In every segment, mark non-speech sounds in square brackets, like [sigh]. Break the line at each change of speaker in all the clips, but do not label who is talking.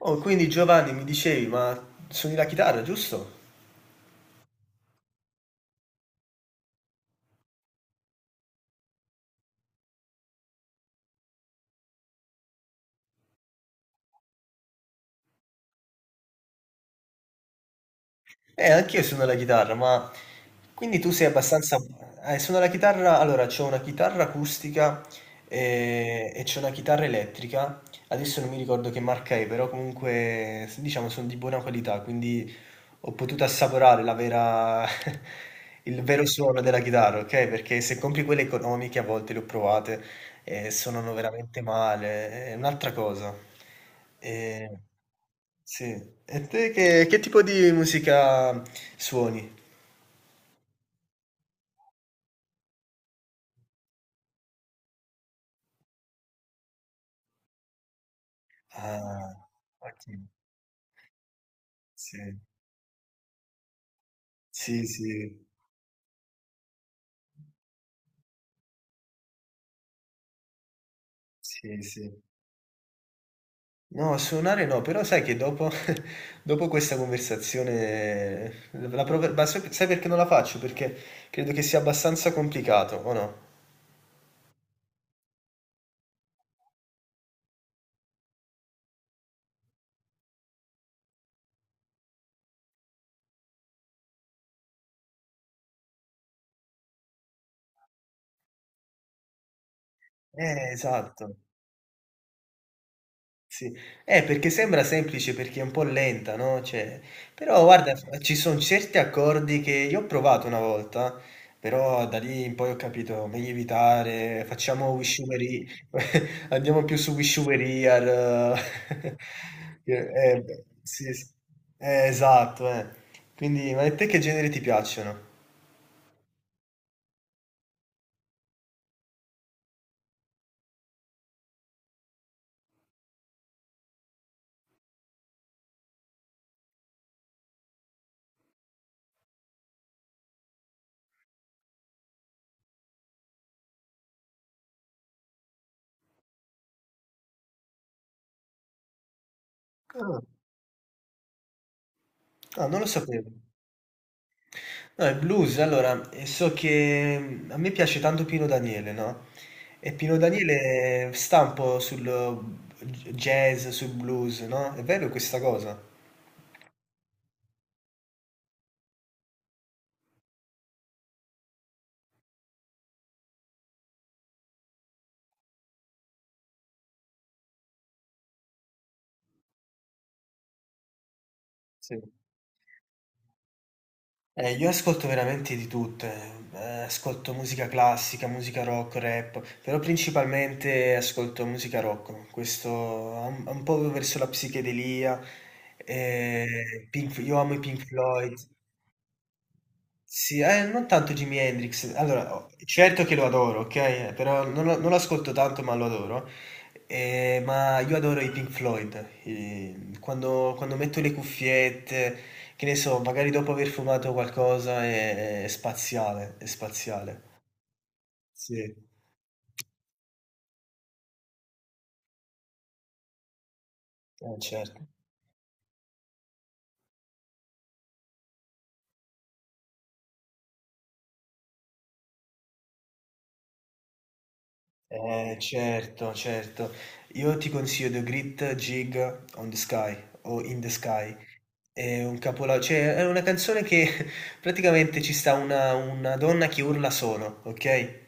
Oh, quindi Giovanni mi dicevi, ma suoni la chitarra, giusto? Anch'io suono la chitarra, ma quindi tu sei abbastanza... suono la chitarra, allora c'ho una chitarra acustica e c'ho una chitarra elettrica, adesso non mi ricordo che marca è, però comunque diciamo sono di buona qualità, quindi ho potuto assaporare la vera... [laughs] il vero suono della chitarra, ok? Perché se compri quelle economiche a volte le ho provate e suonano veramente male, è un'altra cosa. E, sì. E te che tipo di musica suoni? Ah, ok, sì, sì, sì, sì, sì. No, suonare no, però sai che dopo, [laughs] dopo questa conversazione, ma sai perché non la faccio? Perché credo che sia abbastanza complicato, o no? Esatto. Sì. Perché sembra semplice perché è un po' lenta, no, cioè però guarda f ci son certi accordi che io ho provato una volta, però da lì in poi ho capito meglio evitare, facciamo Wishumery [laughs] andiamo più su Wishumery al [laughs] beh, sì, s esatto, Quindi ma a te che generi ti piacciono? Ah, ah, non lo sapevo. No, il blues, allora, so che a me piace tanto Pino Daniele, no? E Pino Daniele sta un po' sul jazz, sul blues, no? È vero questa cosa? Sì. Io ascolto veramente di tutte, eh, ascolto musica classica, musica rock, rap, però principalmente ascolto musica rock, questo un po' verso la psichedelia, io amo i Pink Floyd. Sì, non tanto Jimi Hendrix. Allora, oh, certo che lo adoro, ok? Però non lo ascolto tanto, ma lo adoro. Ma io adoro i Pink Floyd. Quando, quando metto le cuffiette, che ne so, magari dopo aver fumato qualcosa, è spaziale, è spaziale. Sì, certo. Certo, certo. Io ti consiglio The Great Gig on the Sky o In the Sky. È un capolavoro, cioè è una canzone che [laughs] praticamente ci sta una donna che urla solo, ok?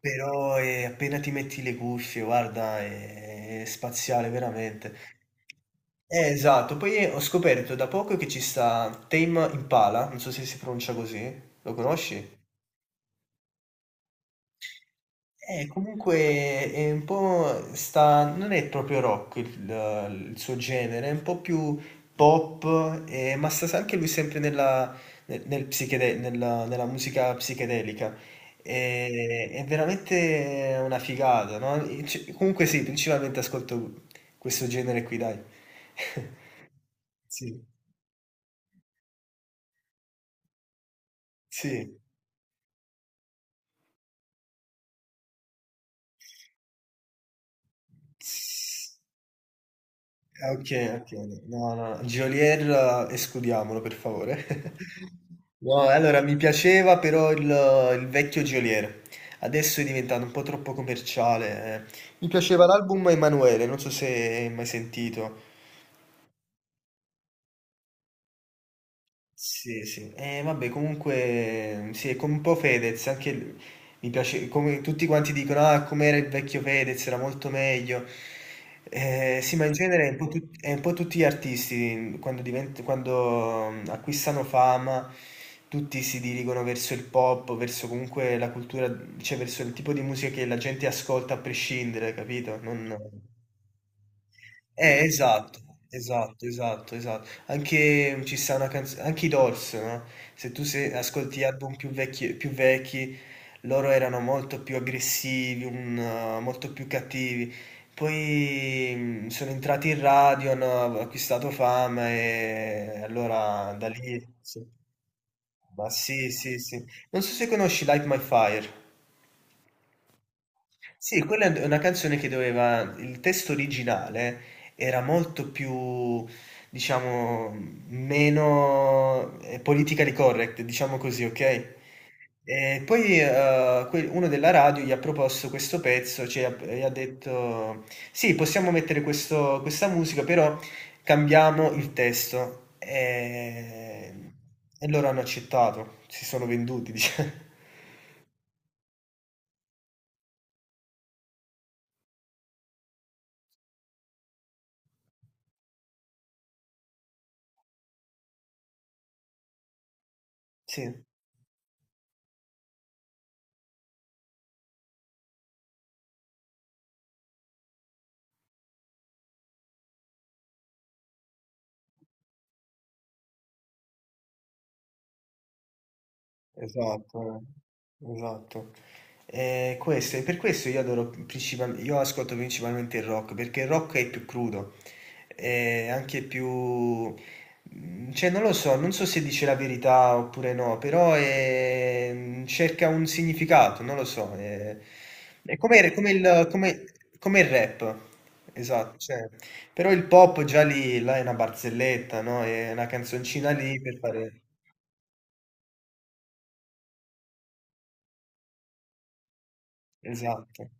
Però appena ti metti le cuffie, guarda, è spaziale veramente. Esatto, poi ho scoperto da poco che ci sta Tame Impala, non so se si pronuncia così, lo conosci? Comunque è un po' sta, non è proprio rock il suo genere, è un po' più pop, ma sta anche lui sempre nella, nel- nel psichede- nella- nella musica psichedelica. È veramente una figata, no? E comunque sì, principalmente ascolto questo genere qui, dai. [laughs] Sì, sì. Ah, okay, okay. No, no, Geolier escludiamolo per favore. [laughs] No, allora mi piaceva però il vecchio Geolier. Adesso è diventato un po' troppo commerciale, eh. Mi piaceva l'album Emanuele, non so se hai mai sentito. Sì, sì. Vabbè, comunque, sì, è come un po' Fedez, anche mi piace, come tutti quanti dicono, ah, com'era il vecchio Fedez, era molto meglio. Sì, ma in genere è un po', è un po' tutti gli artisti, quando, acquistano fama, tutti si dirigono verso il pop, verso comunque la cultura, cioè verso il tipo di musica che la gente ascolta a prescindere, capito? Non... esatto, esatto, esatto, esatto. Anche ci sta una canzone, anche i Doors, no? Se tu ascolti album più vecchi, loro erano molto più aggressivi, molto più cattivi. Poi sono entrati in radio, hanno acquistato fama e allora da lì... sì. Ma sì, sì, sì. Non so se conosci Light My Fire. Sì, quella è una canzone che doveva, il testo originale era molto più, diciamo, meno politically correct, diciamo così, ok? E poi uno della radio gli ha proposto questo pezzo, cioè gli ha detto, sì, possiamo mettere questa musica, però cambiamo il testo. E loro hanno accettato, si sono venduti, [laughs] diciamo. Sì. Esatto, esatto. E questo, e per questo io adoro io ascolto principalmente il rock, perché il rock è più crudo, è anche più... cioè, non lo so, non so se dice la verità oppure no, però cerca un significato, non lo so. È come, come il rap, esatto. Cioè, però il pop già lì, là è una barzelletta, no? È una canzoncina lì per fare... Esatto.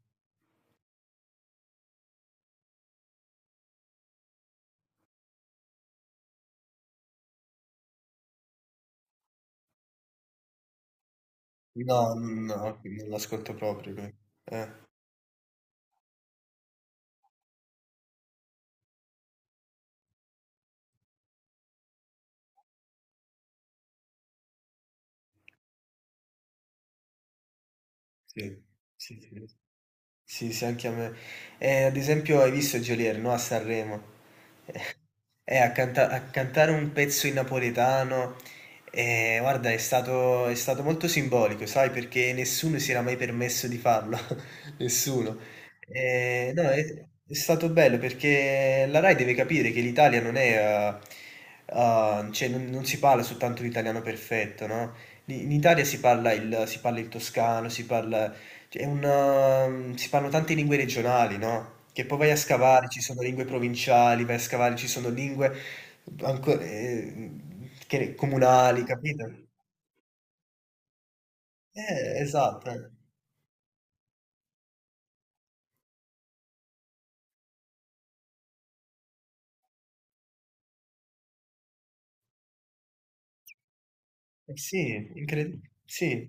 No, no, no, non l'ascolto proprio lui. Eh, sì, sì, sì. Sì, sì, anche a me. Ad esempio, hai visto Geolier, no? A Sanremo. Eh, a cantare un pezzo in napoletano, guarda, è stato molto simbolico, sai, perché nessuno si era mai permesso di farlo. [laughs] Nessuno. No, è stato bello perché la Rai deve capire che l'Italia non è... cioè, non, non si parla soltanto l'italiano perfetto, no? In Italia si parla si parla il toscano, si parla cioè, è un si parlano tante lingue regionali, no, che poi vai a scavare, ci sono lingue provinciali, vai a scavare, ci sono lingue anco che comunali, capito? Esatto. Eh sì, incredi sì.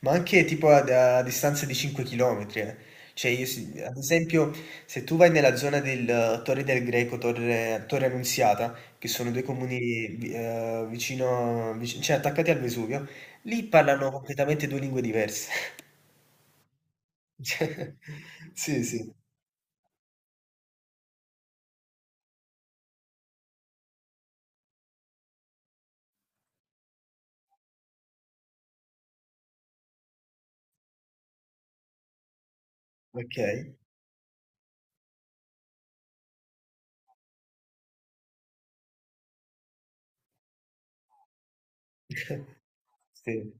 Ma anche tipo a, a distanza di 5 km, eh. Cioè io, ad esempio, se tu vai nella zona del Torre del Greco, Torre Annunziata, che sono due comuni cioè attaccati al Vesuvio, lì parlano completamente due lingue diverse. [laughs] Cioè, sì, sì, ok. [laughs] Sì,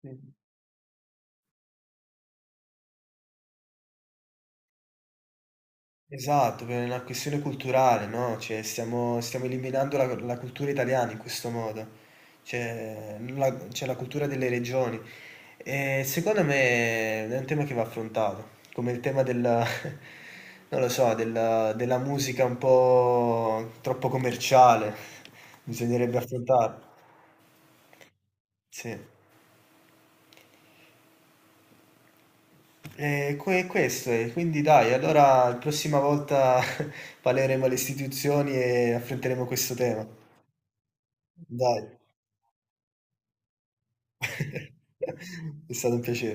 sì. Esatto, per una questione culturale, no? Cioè, stiamo eliminando la cultura italiana in questo modo, cioè la cultura delle regioni. E secondo me è un tema che va affrontato, come il tema della, [laughs] non lo so, della musica un po' troppo commerciale, bisognerebbe affrontarlo. Sì. E questo è, quindi dai, allora la prossima volta [laughs] parleremo alle istituzioni e affronteremo questo tema. Dai. [laughs] È stato un piacere.